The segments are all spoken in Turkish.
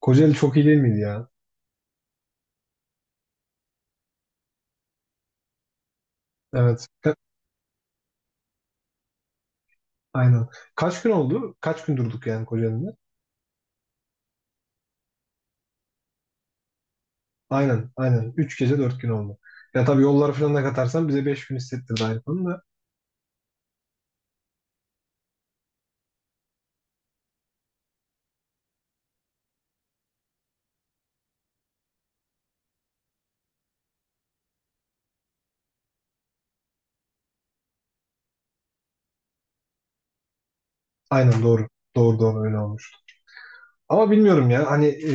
Kocaeli çok iyi değil miydi ya? Evet. Aynen. Kaç gün oldu? Kaç gün durduk yani Kocaeli'nde? Aynen. Aynen. 3 gece 4 gün oldu. Ya tabii yolları falan da katarsan bize 5 gün hissettirdi aynı konu da. Aynen doğru. Doğru, öyle olmuştu. Ama bilmiyorum ya hani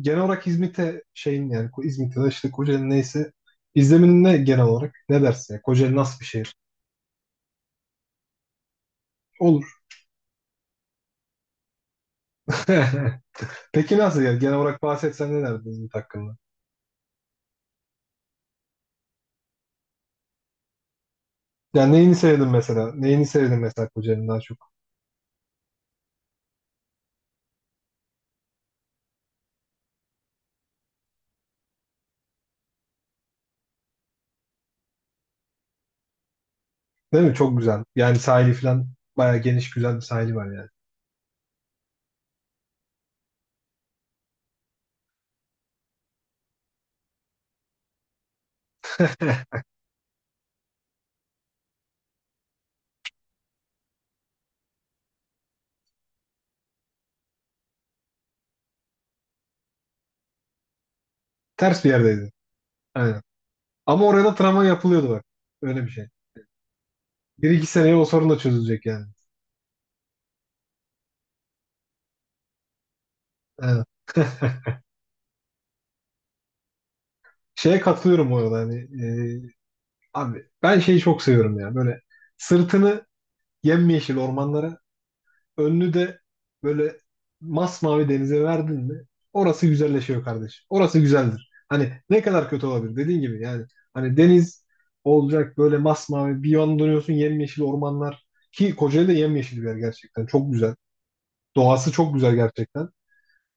genel olarak İzmit'e şeyin yani İzmit'e de işte Kocaeli neyse izlemin ne genel olarak ne dersin ya? Kocaeli nasıl bir şehir? Olur. Peki nasıl ya? Genel olarak bahsetsen ne derdin İzmit hakkında? Yani neyini sevdin mesela? Neyini sevdin mesela Kocaeli'nin daha çok? Değil mi? Çok güzel. Yani sahili falan bayağı geniş güzel bir sahili var yani. Ters bir yerdeydi. Aynen. Ama oraya da tramvay yapılıyordu bak. Öyle bir şey. Bir iki seneye o sorun da çözülecek yani. Aynen. Şeye katılıyorum bu arada hani e, abi ben şeyi çok seviyorum ya böyle sırtını yemyeşil ormanlara önünü de böyle masmavi denize verdin mi orası güzelleşiyor kardeş. Orası güzeldir. Hani ne kadar kötü olabilir dediğin gibi yani hani deniz olacak böyle masmavi bir yan dönüyorsun yemyeşil ormanlar ki Kocaeli de yemyeşil bir yer gerçekten çok güzel. Doğası çok güzel gerçekten.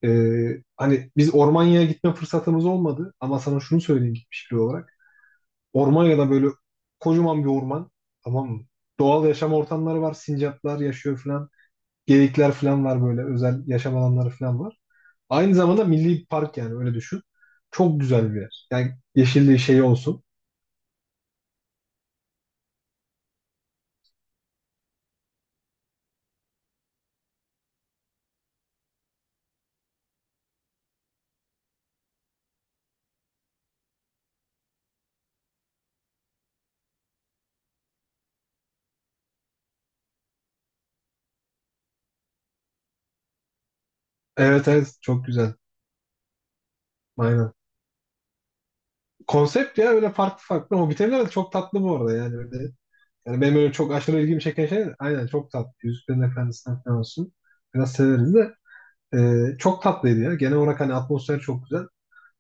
Hani biz Ormanya'ya gitme fırsatımız olmadı ama sana şunu söyleyeyim gitmiş biri olarak. Ormanya'da böyle kocaman bir orman, tamam mı? Doğal yaşam ortamları var. Sincaplar yaşıyor falan. Geyikler falan var böyle. Özel yaşam alanları falan var. Aynı zamanda milli park yani öyle düşün. Çok güzel bir yer. Yani yeşilliği şey olsun. Evet evet, çok güzel. Aynen. Konsept ya, öyle farklı farklı. O bitenler de çok tatlı bu arada yani. Öyle, yani benim öyle çok aşırı ilgimi çeken şey de aynen çok tatlı. Yüzüklerin Efendisi'nden falan olsun. Biraz severiz de. Çok tatlıydı ya. Genel olarak hani atmosfer çok güzel.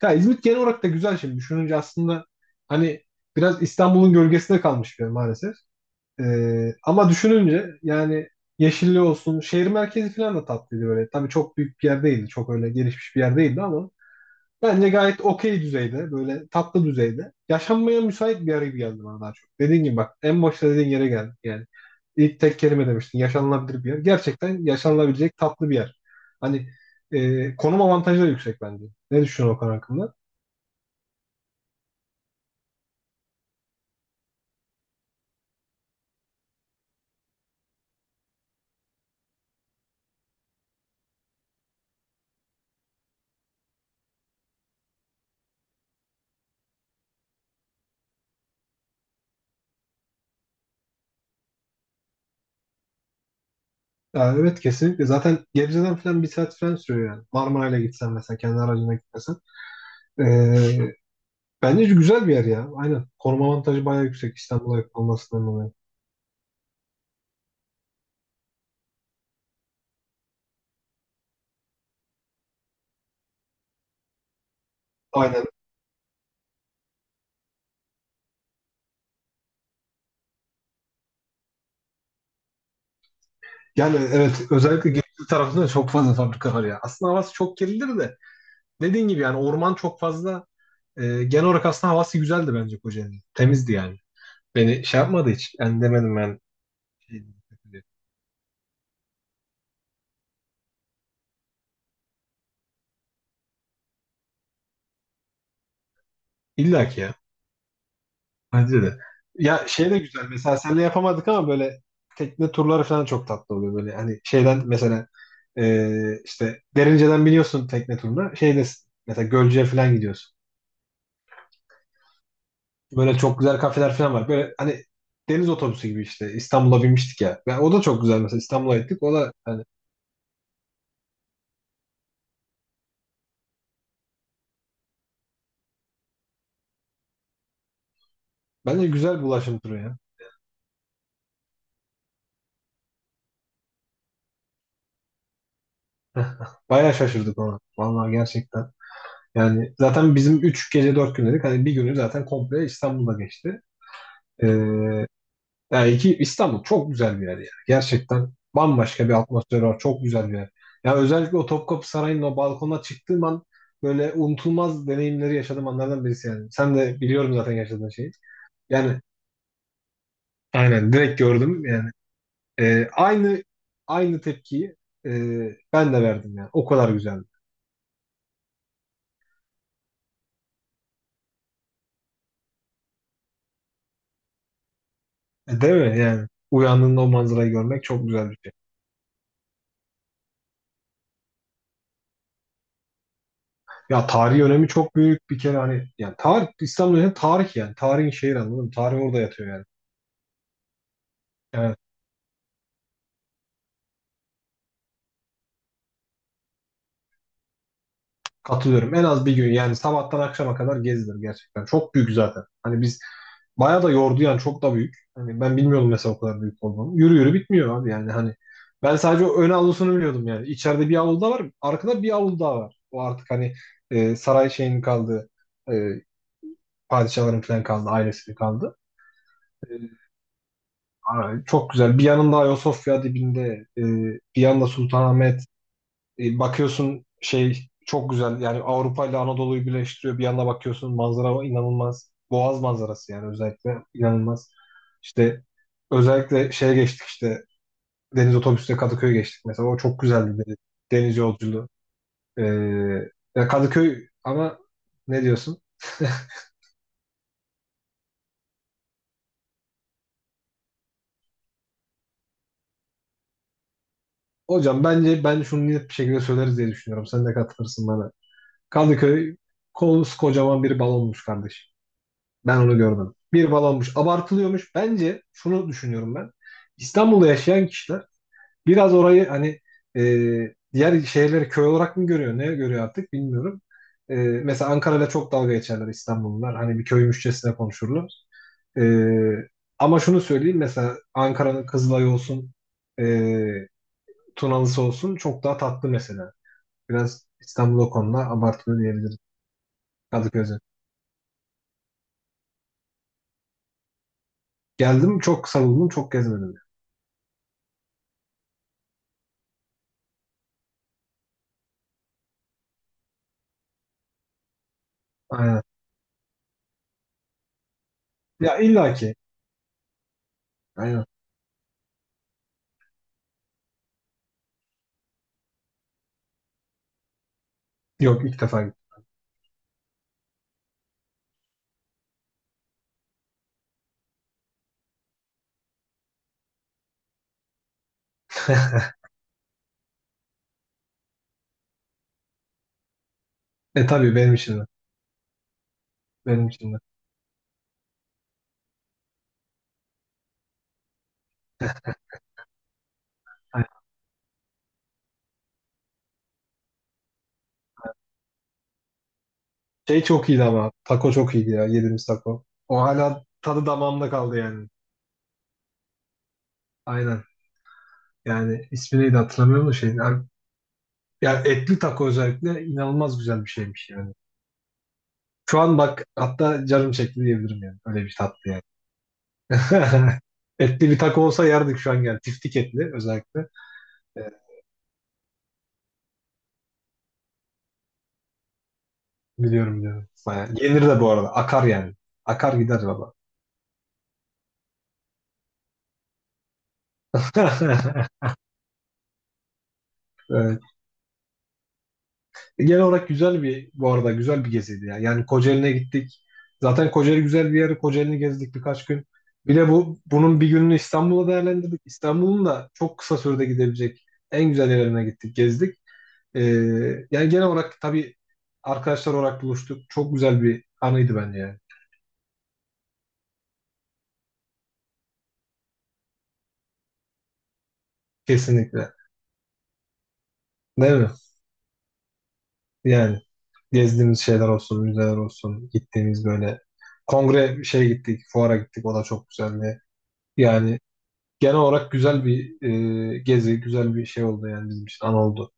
Ya İzmit genel olarak da güzel şimdi. Düşününce aslında hani biraz İstanbul'un gölgesinde kalmış bir yer maalesef. Ama düşününce yani yeşilli olsun, şehir merkezi falan da tatlıydı böyle. Tabii çok büyük bir yer değildi, çok öyle gelişmiş bir yer değildi, ama bence gayet okey düzeyde, böyle tatlı düzeyde. Yaşanmaya müsait bir yer gibi geldi bana daha çok. Dediğin gibi bak, en başta dediğin yere geldik yani. İlk tek kelime demiştin, yaşanılabilir bir yer. Gerçekten yaşanılabilecek tatlı bir yer. Hani konum avantajı da yüksek bence. Ne düşünüyorsun Okan hakkında? Ya evet, kesinlikle. Zaten Gebze'den falan bir saat falan sürüyor yani. Marmaray'la gitsen mesela kendi aracına gitmesen. Ee, Bence güzel bir yer ya. Aynen. Koruma avantajı bayağı yüksek İstanbul'a yakın olmasından dolayı. Aynen. Yani evet, özellikle Gebze tarafında çok fazla fabrika var ya. Aslında havası çok kirlidir de. Dediğin gibi yani orman çok fazla. E, genel olarak aslında havası güzeldi bence Kocaeli'nin. Temizdi yani. Beni şey yapmadı hiç. Yani demedim ben. Şey, kötü diye. İlla ki ya. Bence de. Ya şey de güzel. Mesela seninle yapamadık ama böyle tekne turları falan çok tatlı oluyor. Böyle hani şeyden mesela işte Derince'den biniyorsun tekne turuna. Şeyde mesela Gölcük'e falan gidiyorsun. Böyle çok güzel kafeler falan var. Böyle hani deniz otobüsü gibi işte İstanbul'a binmiştik ya. Ya o da çok güzel, mesela İstanbul'a gittik. O da hani bence güzel bir ulaşım turu ya. Bayağı şaşırdık ona. Vallahi gerçekten. Yani zaten bizim 3 gece 4 gün dedik. Hani bir günü zaten komple İstanbul'da geçti. Ee, Yani İstanbul çok güzel bir yer yani. Gerçekten bambaşka bir atmosfer var. Çok güzel bir yer. Yani özellikle o Topkapı Sarayı'nın o balkona çıktığım an böyle unutulmaz deneyimleri yaşadığım anlardan birisi yani. Sen de biliyorum zaten yaşadığın şeyi. Yani aynen direkt gördüm yani. Ee, aynı aynı tepkiyi e, ben de verdim yani. O kadar güzeldi. E, değil mi yani? Uyandığında o manzarayı görmek çok güzel bir şey. Ya tarihi önemi çok büyük bir kere hani, yani tarih, İstanbul'un tarih yani. Tarihin şehri, anladın mı? Tarih orada yatıyor yani. Yani katılıyorum. En az bir gün yani sabahtan akşama kadar gezilir gerçekten. Çok büyük zaten. Hani biz bayağı da yordu yani, çok da büyük. Hani ben bilmiyordum mesela o kadar büyük olduğunu. Yürü yürü bitmiyor abi yani hani. Ben sadece o ön avlusunu biliyordum yani. İçeride bir avlu daha var. Arkada bir avlu daha var. O artık hani saray şeyinin kaldığı e, padişahların falan kaldı. Ailesinin kaldı. E, Ay, çok güzel. Bir yanında Ayasofya dibinde bir yanda Sultanahmet. Bakıyorsun şey, çok güzel yani, Avrupa ile Anadolu'yu birleştiriyor. Bir yana bakıyorsun manzara inanılmaz. Boğaz manzarası yani özellikle inanılmaz. İşte özellikle şeye geçtik, işte deniz otobüsüyle Kadıköy'e geçtik mesela. O çok güzeldi, bir deniz yolculuğu. Ee, Ya Kadıköy ama, ne diyorsun? Hocam bence ben şunu net bir şekilde söyleriz diye düşünüyorum. Sen de katılırsın bana. Kadıköy kocaman bir balonmuş kardeşim. Ben onu görmedim. Bir balonmuş. Abartılıyormuş. Bence şunu düşünüyorum ben. İstanbul'da yaşayan kişiler biraz orayı hani e, diğer şehirleri köy olarak mı görüyor? Ne görüyor artık bilmiyorum. E, mesela Ankara'yla çok dalga geçerler İstanbullular. Hani bir köymüşçesine konuşurlar. E, ama şunu söyleyeyim. Mesela Ankara'nın Kızılay'ı olsun, e, Tunalısı olsun çok daha tatlı mesela. Biraz İstanbul o konuda abartılıyor diyebilirim. Kadıköy'e. Geldim, çok savundum, çok gezmedim. Aynen. Ya illaki. Aynen. Yok, ilk defa gittim. E tabii benim için de. Benim için de. Aynen. Şey çok iyiydi ama. Taco çok iyiydi ya. Yediğimiz taco. O hala tadı damağımda kaldı yani. Aynen. Yani ismi neydi hatırlamıyorum da şeyin. Yani, yani etli taco özellikle inanılmaz güzel bir şeymiş yani. Şu an bak hatta canım çekti diyebilirim yani. Öyle bir tatlı yani. Etli bir taco olsa yerdik şu an yani. Tiftik etli özellikle. E, Biliyorum diyorum. Bayağı. Yenir de bu arada. Akar yani. Akar gider baba. Evet. Genel olarak güzel bir, bu arada güzel bir geziydi ya. Yani Kocaeli'ne gittik. Zaten Kocaeli güzel bir yer. Kocaeli'ni gezdik birkaç gün. Bir de bunun bir gününü İstanbul'da değerlendirdik. İstanbul'un da çok kısa sürede gidebilecek en güzel yerlerine gittik, gezdik. Ee, Yani genel olarak tabii arkadaşlar olarak buluştuk. Çok güzel bir anıydı bence yani. Kesinlikle. Değil mi? Yani gezdiğimiz şeyler olsun, müzeler olsun, gittiğimiz böyle kongre şeye gittik, fuara gittik. O da çok güzeldi. Yani genel olarak güzel bir gezi, güzel bir şey oldu yani bizim için, an oldu.